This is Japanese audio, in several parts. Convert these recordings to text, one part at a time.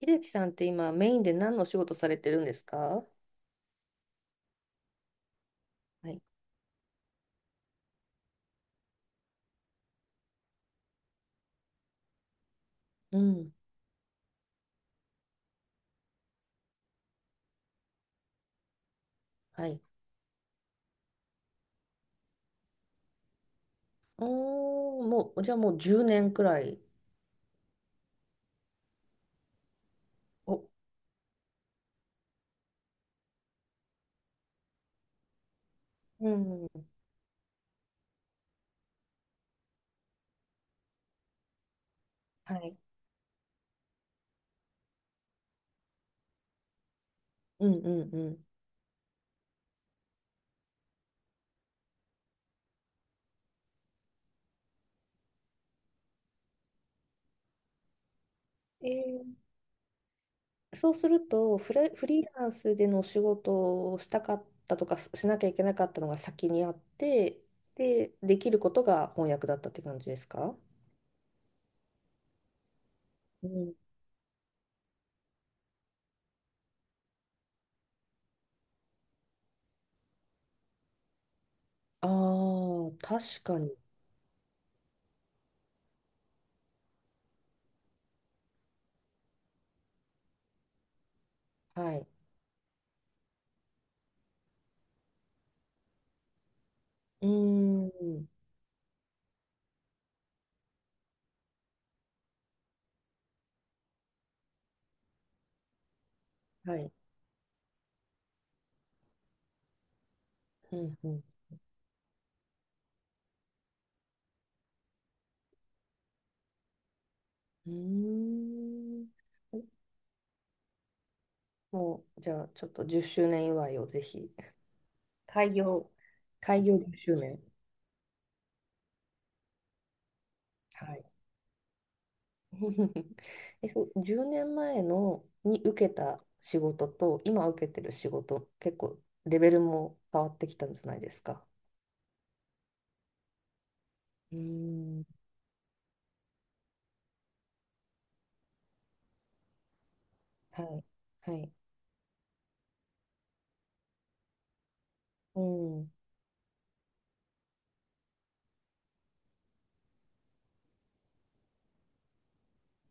秀樹さんって今メインで何のお仕事されてるんですか？はい。うん。はい。おー、もう、じゃあもう10年くらい。お、うねん。はい。うんうんうん。えー、そうするとフレ、フリーランスでのお仕事をしたかったとかししなきゃいけなかったのが先にあって、で、できることが翻訳だったって感じですか？うん。ああ、確かに。はい。うーん。はい。うんうん。うーん。もう、じゃあ、ちょっと10周年祝いをぜひ。開業。開業10周年。はい。え、そう、10年前のに受けた仕事と、今受けてる仕事、結構レベルも変わってきたんじゃないですか？うーん、はい、はい、うん、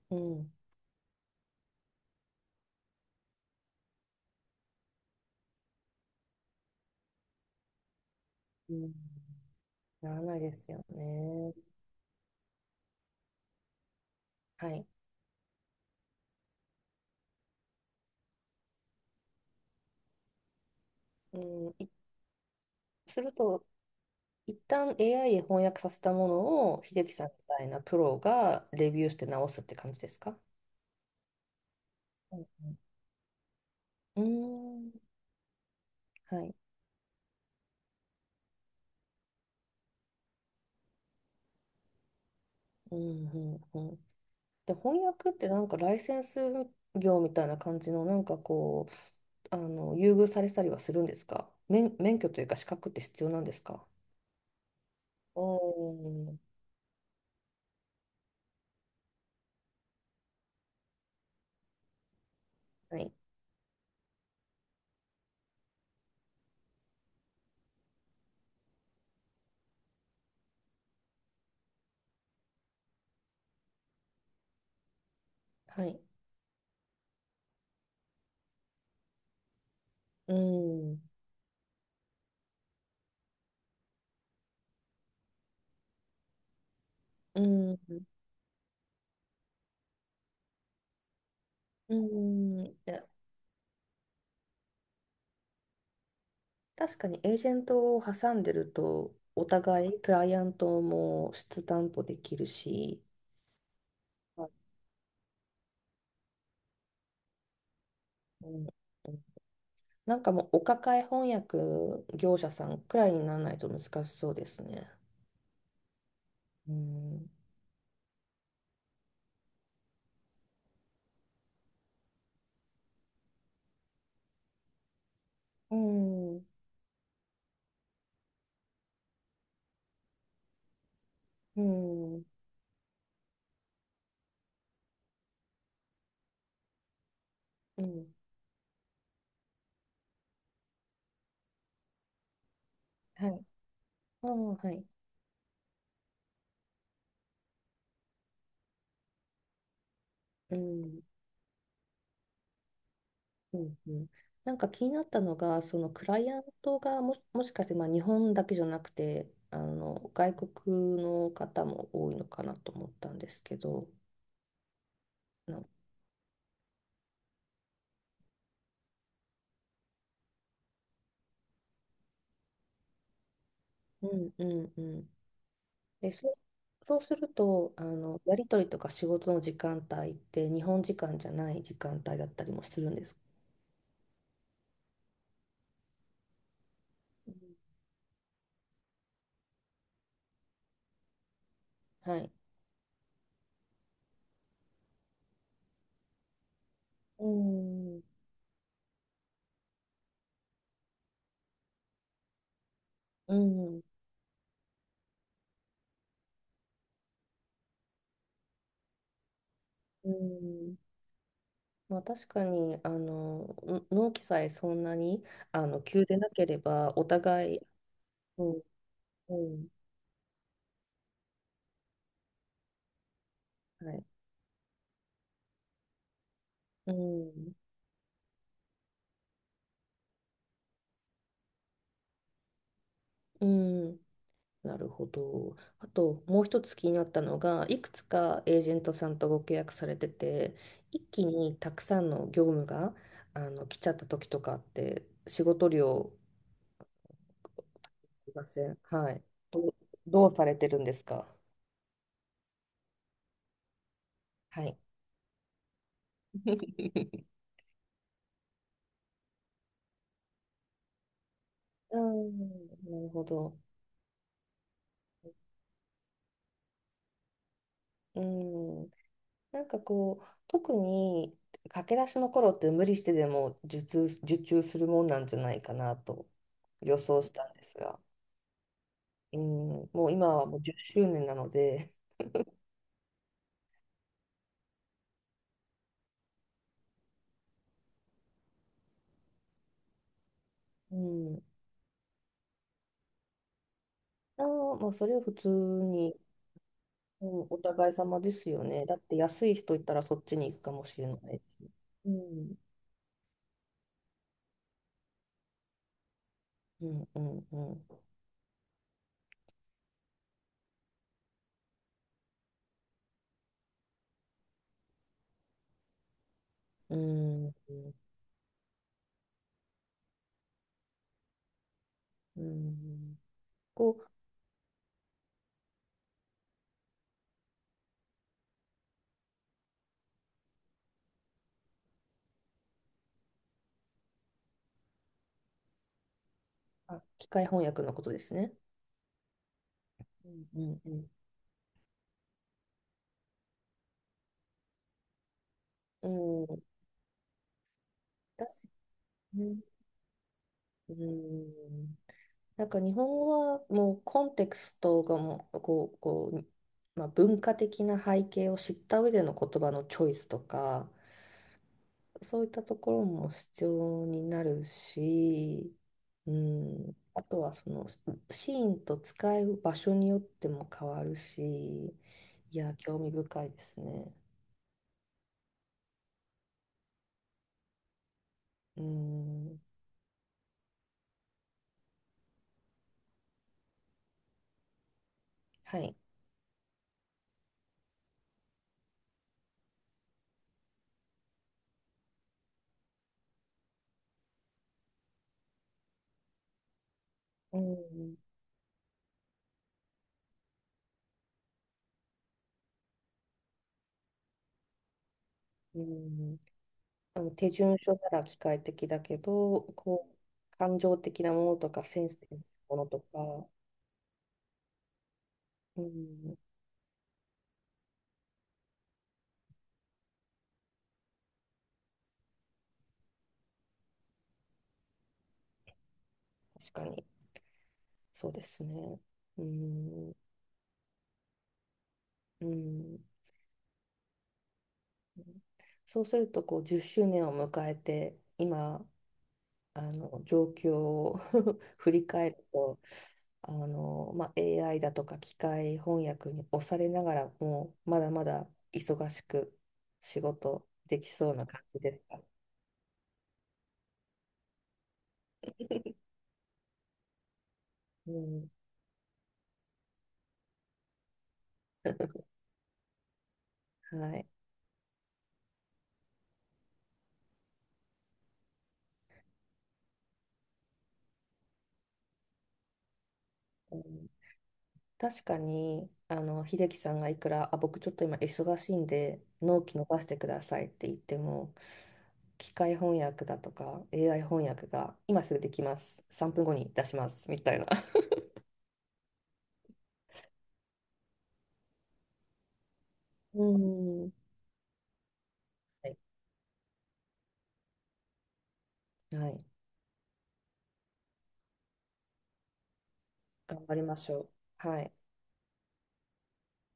うん、うん、ならないですよね。はい。うん、すると、一旦 AI で翻訳させたものを、秀樹さんみたいなプロがレビューして直すって感じですか？はい。うん、うーん。はい。うん、うん、うん。で、翻訳ってなんかライセンス業みたいな感じの、なんかこう、優遇されたりはするんですか？免許というか資格って必要なんですか？おー、はい、はい。うん、うん、うん。いや、確かにエージェントを挟んでると、お互い、クライアントも質担保できるし、はい。うん。なんかもうお抱え翻訳業者さんくらいにならないと難しそうですね。うん。うん、は、うん。うん。はい。ああ、はい。うん。うん。うん。なんか気になったのが、そのクライアントがもしかしてまあ日本だけじゃなくて、あの外国の方も多いのかなと思ったんですけど、なんうんうんうん。で、そうすると、やり取りとか仕事の時間帯って日本時間じゃない時間帯だったりもするんです。うん。はい。うん、うん、うん、まあ、確かに、の納期さえそんなに、急でなければ、お互い、うん、うん、はい、うん、うん。なるほど。あともう一つ気になったのが、いくつかエージェントさんとご契約されてて、一気にたくさんの業務が来ちゃった時とかって、仕事量ありません？はい。どう、どうされてるんですか？はい。うん、なるほど。うん。なんかこう、特に駆け出しの頃って無理してでも受注するもんなんじゃないかなと予想したんですが。うん、もう今はもう10周年なので、うん、もうそれは普通に、うん、お互い様ですよね。だって安い人いたらそっちに行くかもしれないし。うん、うん、うん、うん、うん、うん、こう、あ、機械翻訳のことですね。うん、うん、うん、うん、だし、うん、うん。なんか日本語はもうコンテクストがもうこう、まあ、文化的な背景を知った上での言葉のチョイスとかそういったところも必要になるし、うん、あとはそのシーンと使う場所によっても変わるし、いや興味深いですね。うん、はい、うん、うん、あの手順書なら機械的だけど、こう、感情的なものとか、センス的なものとか、うん、確かに、そうですね。うん、うん、そうすると、こう、10周年を迎えて、今、状況を 振り返ると、まあ、AI だとか機械翻訳に押されながらも、まだまだ忙しく仕事できそうな感じですか？うん、はい。確かに、秀樹さんがいくら、あ、僕ちょっと今忙しいんで、納期伸ばしてくださいって言っても、機械翻訳だとか AI 翻訳が今すぐできます。3分後に出します。みたいな。うん。はい。はい、頑張りましょう。はい。